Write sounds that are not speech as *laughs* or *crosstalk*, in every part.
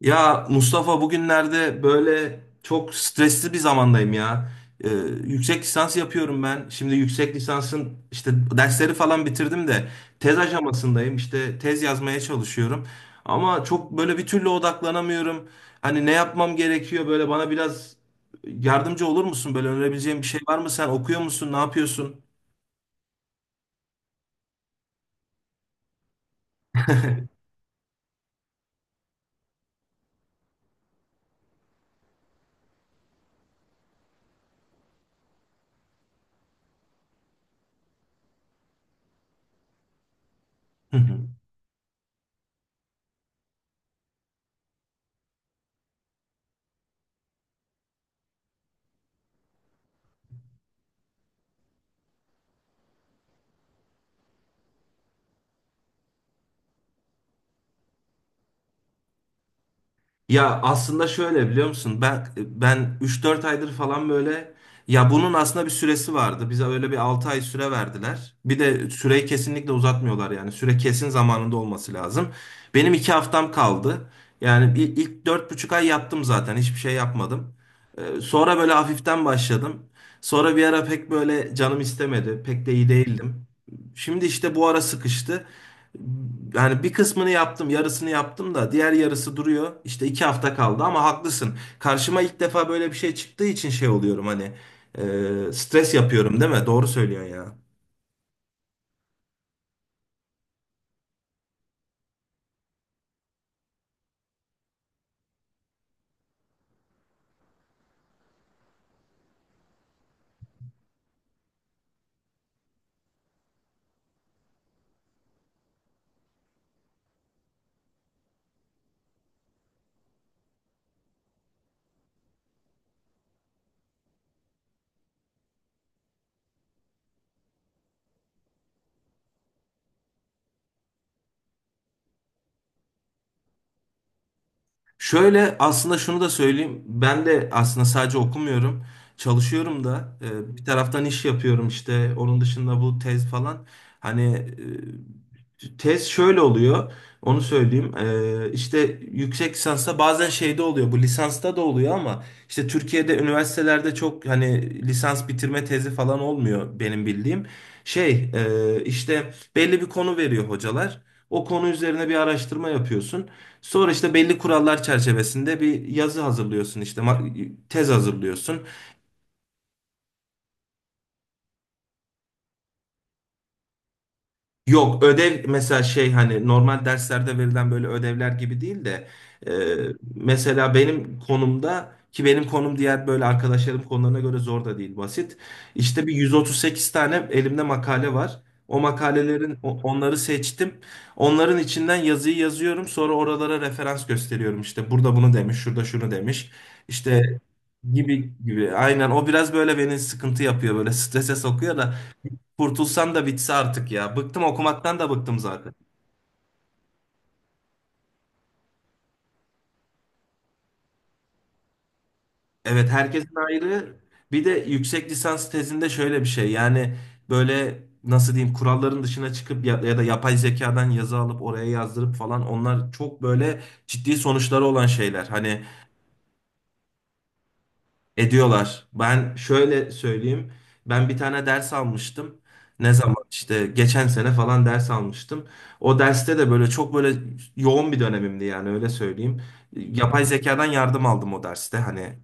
Ya Mustafa bugünlerde böyle çok stresli bir zamandayım ya. Ee, Yüksek lisans yapıyorum ben. Şimdi yüksek lisansın işte dersleri falan bitirdim de tez aşamasındayım. İşte tez yazmaya çalışıyorum. Ama çok böyle bir türlü odaklanamıyorum. Hani ne yapmam gerekiyor, böyle bana biraz yardımcı olur musun? Böyle önerebileceğin bir şey var mı? Sen okuyor musun? Ne yapıyorsun? *laughs* Ya aslında şöyle, biliyor musun? Ben üç dört aydır falan böyle, ya bunun aslında bir süresi vardı. Bize öyle bir 6 ay süre verdiler. Bir de süreyi kesinlikle uzatmıyorlar yani. Süre kesin zamanında olması lazım. Benim 2 haftam kaldı. Yani ilk 4,5 ay yattım zaten. Hiçbir şey yapmadım. Sonra böyle hafiften başladım. Sonra bir ara pek böyle canım istemedi. Pek de iyi değildim. Şimdi işte bu ara sıkıştı. Yani bir kısmını yaptım, yarısını yaptım da diğer yarısı duruyor. İşte 2 hafta kaldı ama haklısın. Karşıma ilk defa böyle bir şey çıktığı için şey oluyorum, hani stres yapıyorum değil mi? Doğru söylüyorsun ya. Şöyle, aslında şunu da söyleyeyim. Ben de aslında sadece okumuyorum. Çalışıyorum da. Bir taraftan iş yapıyorum işte. Onun dışında bu tez falan. Hani e, tez şöyle oluyor. Onu söyleyeyim. İşte yüksek lisansta bazen şeyde oluyor. Bu lisansta da oluyor ama işte Türkiye'de üniversitelerde çok hani lisans bitirme tezi falan olmuyor benim bildiğim. İşte belli bir konu veriyor hocalar. O konu üzerine bir araştırma yapıyorsun. Sonra işte belli kurallar çerçevesinde bir yazı hazırlıyorsun, işte tez hazırlıyorsun. Yok, ödev mesela şey, hani normal derslerde verilen böyle ödevler gibi değil de e, mesela benim konumda, ki benim konum diğer böyle arkadaşlarım konularına göre zor da değil, basit. İşte bir 138 tane elimde makale var. O makalelerin onları seçtim. Onların içinden yazıyı yazıyorum. Sonra oralara referans gösteriyorum. İşte burada bunu demiş, şurada şunu demiş. İşte gibi gibi. Aynen, o biraz böyle beni sıkıntı yapıyor, böyle *laughs* strese sokuyor da. Kurtulsam da bitse artık ya. Bıktım, okumaktan da bıktım zaten. Evet, herkesin ayrı. Bir de yüksek lisans tezinde şöyle bir şey. Yani böyle nasıl diyeyim, kuralların dışına çıkıp ya, ya da yapay zekadan yazı alıp oraya yazdırıp falan, onlar çok böyle ciddi sonuçları olan şeyler. Hani ediyorlar. Ben şöyle söyleyeyim. Ben bir tane ders almıştım. Ne zaman, işte geçen sene falan ders almıştım. O derste de böyle çok böyle yoğun bir dönemimdi yani, öyle söyleyeyim. Yapay zekadan yardım aldım o derste, hani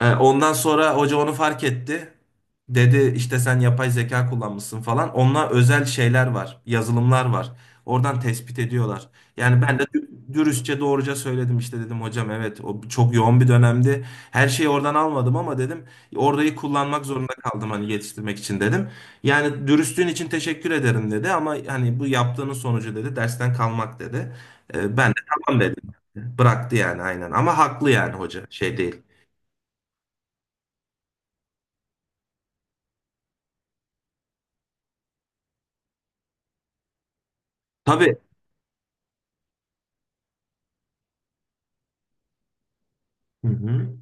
ondan sonra hoca onu fark etti. Dedi işte sen yapay zeka kullanmışsın falan. Onunla özel şeyler var, yazılımlar var. Oradan tespit ediyorlar. Yani ben de dürüstçe doğruca söyledim, işte dedim hocam evet, o çok yoğun bir dönemdi. Her şeyi oradan almadım ama, dedim, orayı kullanmak zorunda kaldım, hani yetiştirmek için, dedim. Yani dürüstlüğün için teşekkür ederim dedi, ama hani bu yaptığının sonucu dedi dersten kalmak, dedi. Ben de tamam dedim. Bıraktı yani, aynen, ama haklı yani, hoca şey değil. Tabii. Hı hı.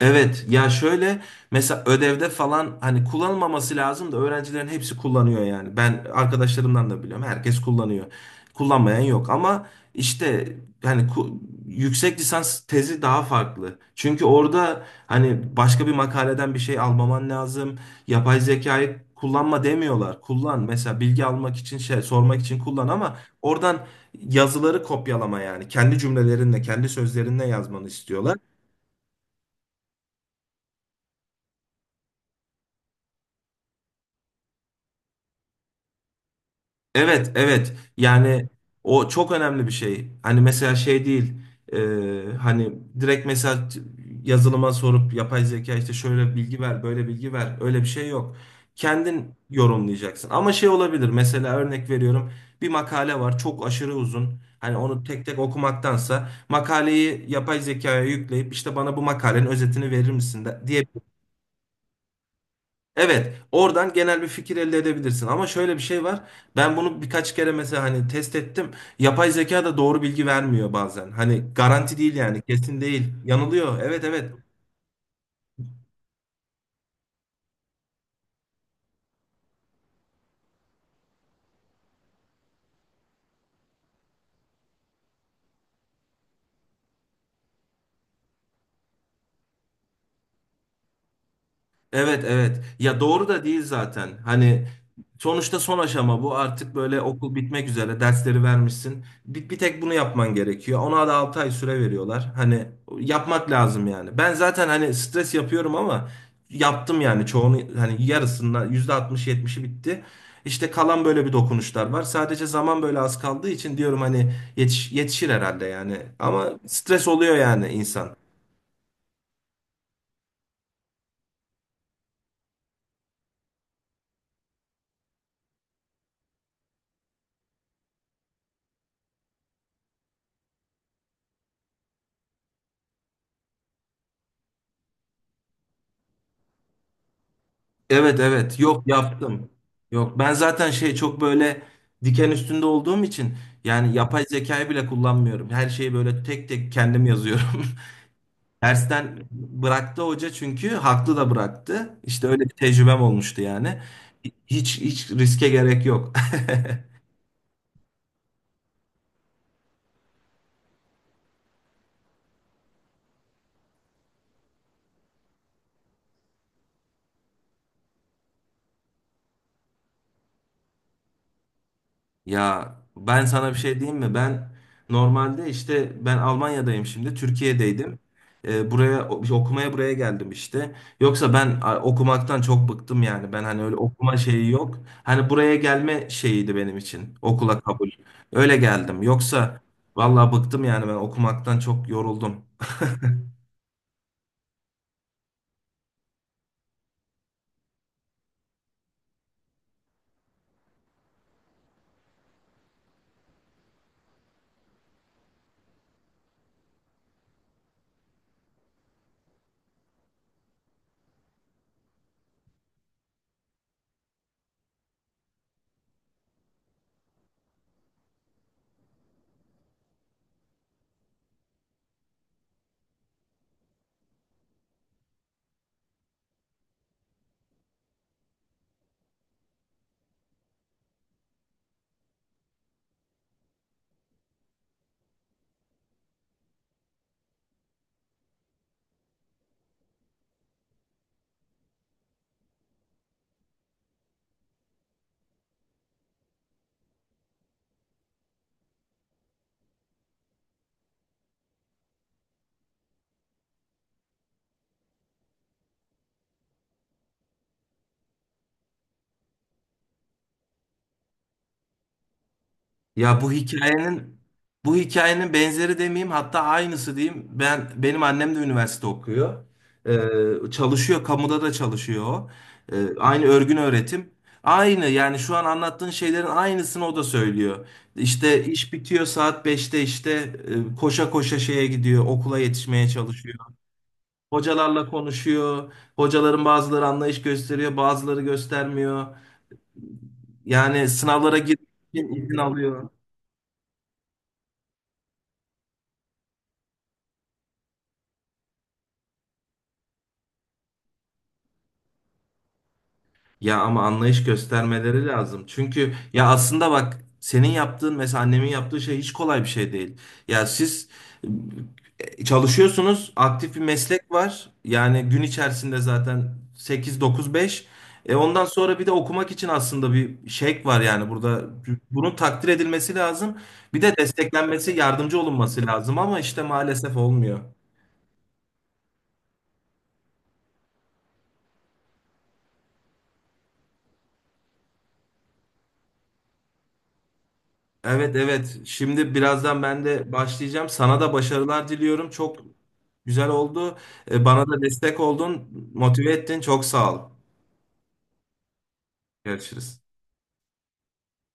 Evet, ya şöyle, mesela ödevde falan hani kullanılmaması lazım da öğrencilerin hepsi kullanıyor yani. Ben arkadaşlarımdan da biliyorum, herkes kullanıyor. Kullanmayan yok, ama işte hani ku- yüksek lisans tezi daha farklı. Çünkü orada hani başka bir makaleden bir şey almaman lazım. Yapay zekayı kullanma demiyorlar. Kullan, mesela bilgi almak için, şey sormak için kullan, ama oradan yazıları kopyalama yani. Kendi cümlelerinle kendi sözlerinle yazmanı istiyorlar. Evet, evet. Yani o çok önemli bir şey. Hani mesela şey değil. Hani direkt mesela yazılıma sorup yapay zeka işte şöyle bilgi ver, böyle bilgi ver. Öyle bir şey yok. Kendin yorumlayacaksın. Ama şey olabilir. Mesela örnek veriyorum. Bir makale var. Çok aşırı uzun. Hani onu tek tek okumaktansa makaleyi yapay zekaya yükleyip, işte bana bu makalenin özetini verir misin de, diye. Evet, oradan genel bir fikir elde edebilirsin. Ama şöyle bir şey var. Ben bunu birkaç kere mesela hani test ettim. Yapay zeka da doğru bilgi vermiyor bazen. Hani garanti değil yani, kesin değil. Yanılıyor. Evet evet. Evet evet. Ya doğru da değil zaten. Hani sonuçta son aşama bu. Artık böyle okul bitmek üzere, dersleri vermişsin. Bir tek bunu yapman gerekiyor. Ona da 6 ay süre veriyorlar. Hani yapmak lazım yani. Ben zaten hani stres yapıyorum ama yaptım yani çoğunu, hani yarısından %60-70'i bitti. İşte kalan böyle bir dokunuşlar var. Sadece zaman böyle az kaldığı için diyorum hani yetişir herhalde yani. Ama stres oluyor yani insan. Evet evet, yok yaptım. Yok, ben zaten şey çok böyle diken üstünde olduğum için yani yapay zekayı bile kullanmıyorum. Her şeyi böyle tek tek kendim yazıyorum. *laughs* Dersten bıraktı hoca, çünkü haklı da bıraktı. İşte öyle bir tecrübem olmuştu yani. Hiç, hiç riske gerek yok. Ya ben sana bir şey diyeyim mi? Ben normalde işte, ben Almanya'dayım şimdi. Türkiye'deydim. Buraya okumaya buraya geldim işte. Yoksa ben okumaktan çok bıktım yani. Ben hani öyle okuma şeyi yok. Hani buraya gelme şeyiydi benim için. Okula kabul. Öyle geldim. Yoksa vallahi bıktım yani, ben okumaktan çok yoruldum. Ya bu hikayenin benzeri demeyeyim, hatta aynısı diyeyim. Benim annem de üniversite okuyor. Çalışıyor, kamuda da çalışıyor, o. Aynı örgün öğretim. Aynı yani, şu an anlattığın şeylerin aynısını o da söylüyor. İşte iş bitiyor saat 5'te, işte koşa koşa şeye gidiyor, okula yetişmeye çalışıyor. Hocalarla konuşuyor. Hocaların bazıları anlayış gösteriyor, bazıları göstermiyor. Yani sınavlara girmek için izin alıyor. Ya ama anlayış göstermeleri lazım. Çünkü ya aslında bak, senin yaptığın, mesela annemin yaptığı şey hiç kolay bir şey değil. Ya siz çalışıyorsunuz, aktif bir meslek var. Yani gün içerisinde zaten sekiz dokuz beş. E ondan sonra bir de okumak için aslında bir şevk var yani burada. Bunun takdir edilmesi lazım. Bir de desteklenmesi, yardımcı olunması lazım ama işte maalesef olmuyor. Evet evet. Şimdi birazdan ben de başlayacağım. Sana da başarılar diliyorum. Çok güzel oldu. Bana da destek oldun, motive ettin. Çok sağ ol. Görüşürüz.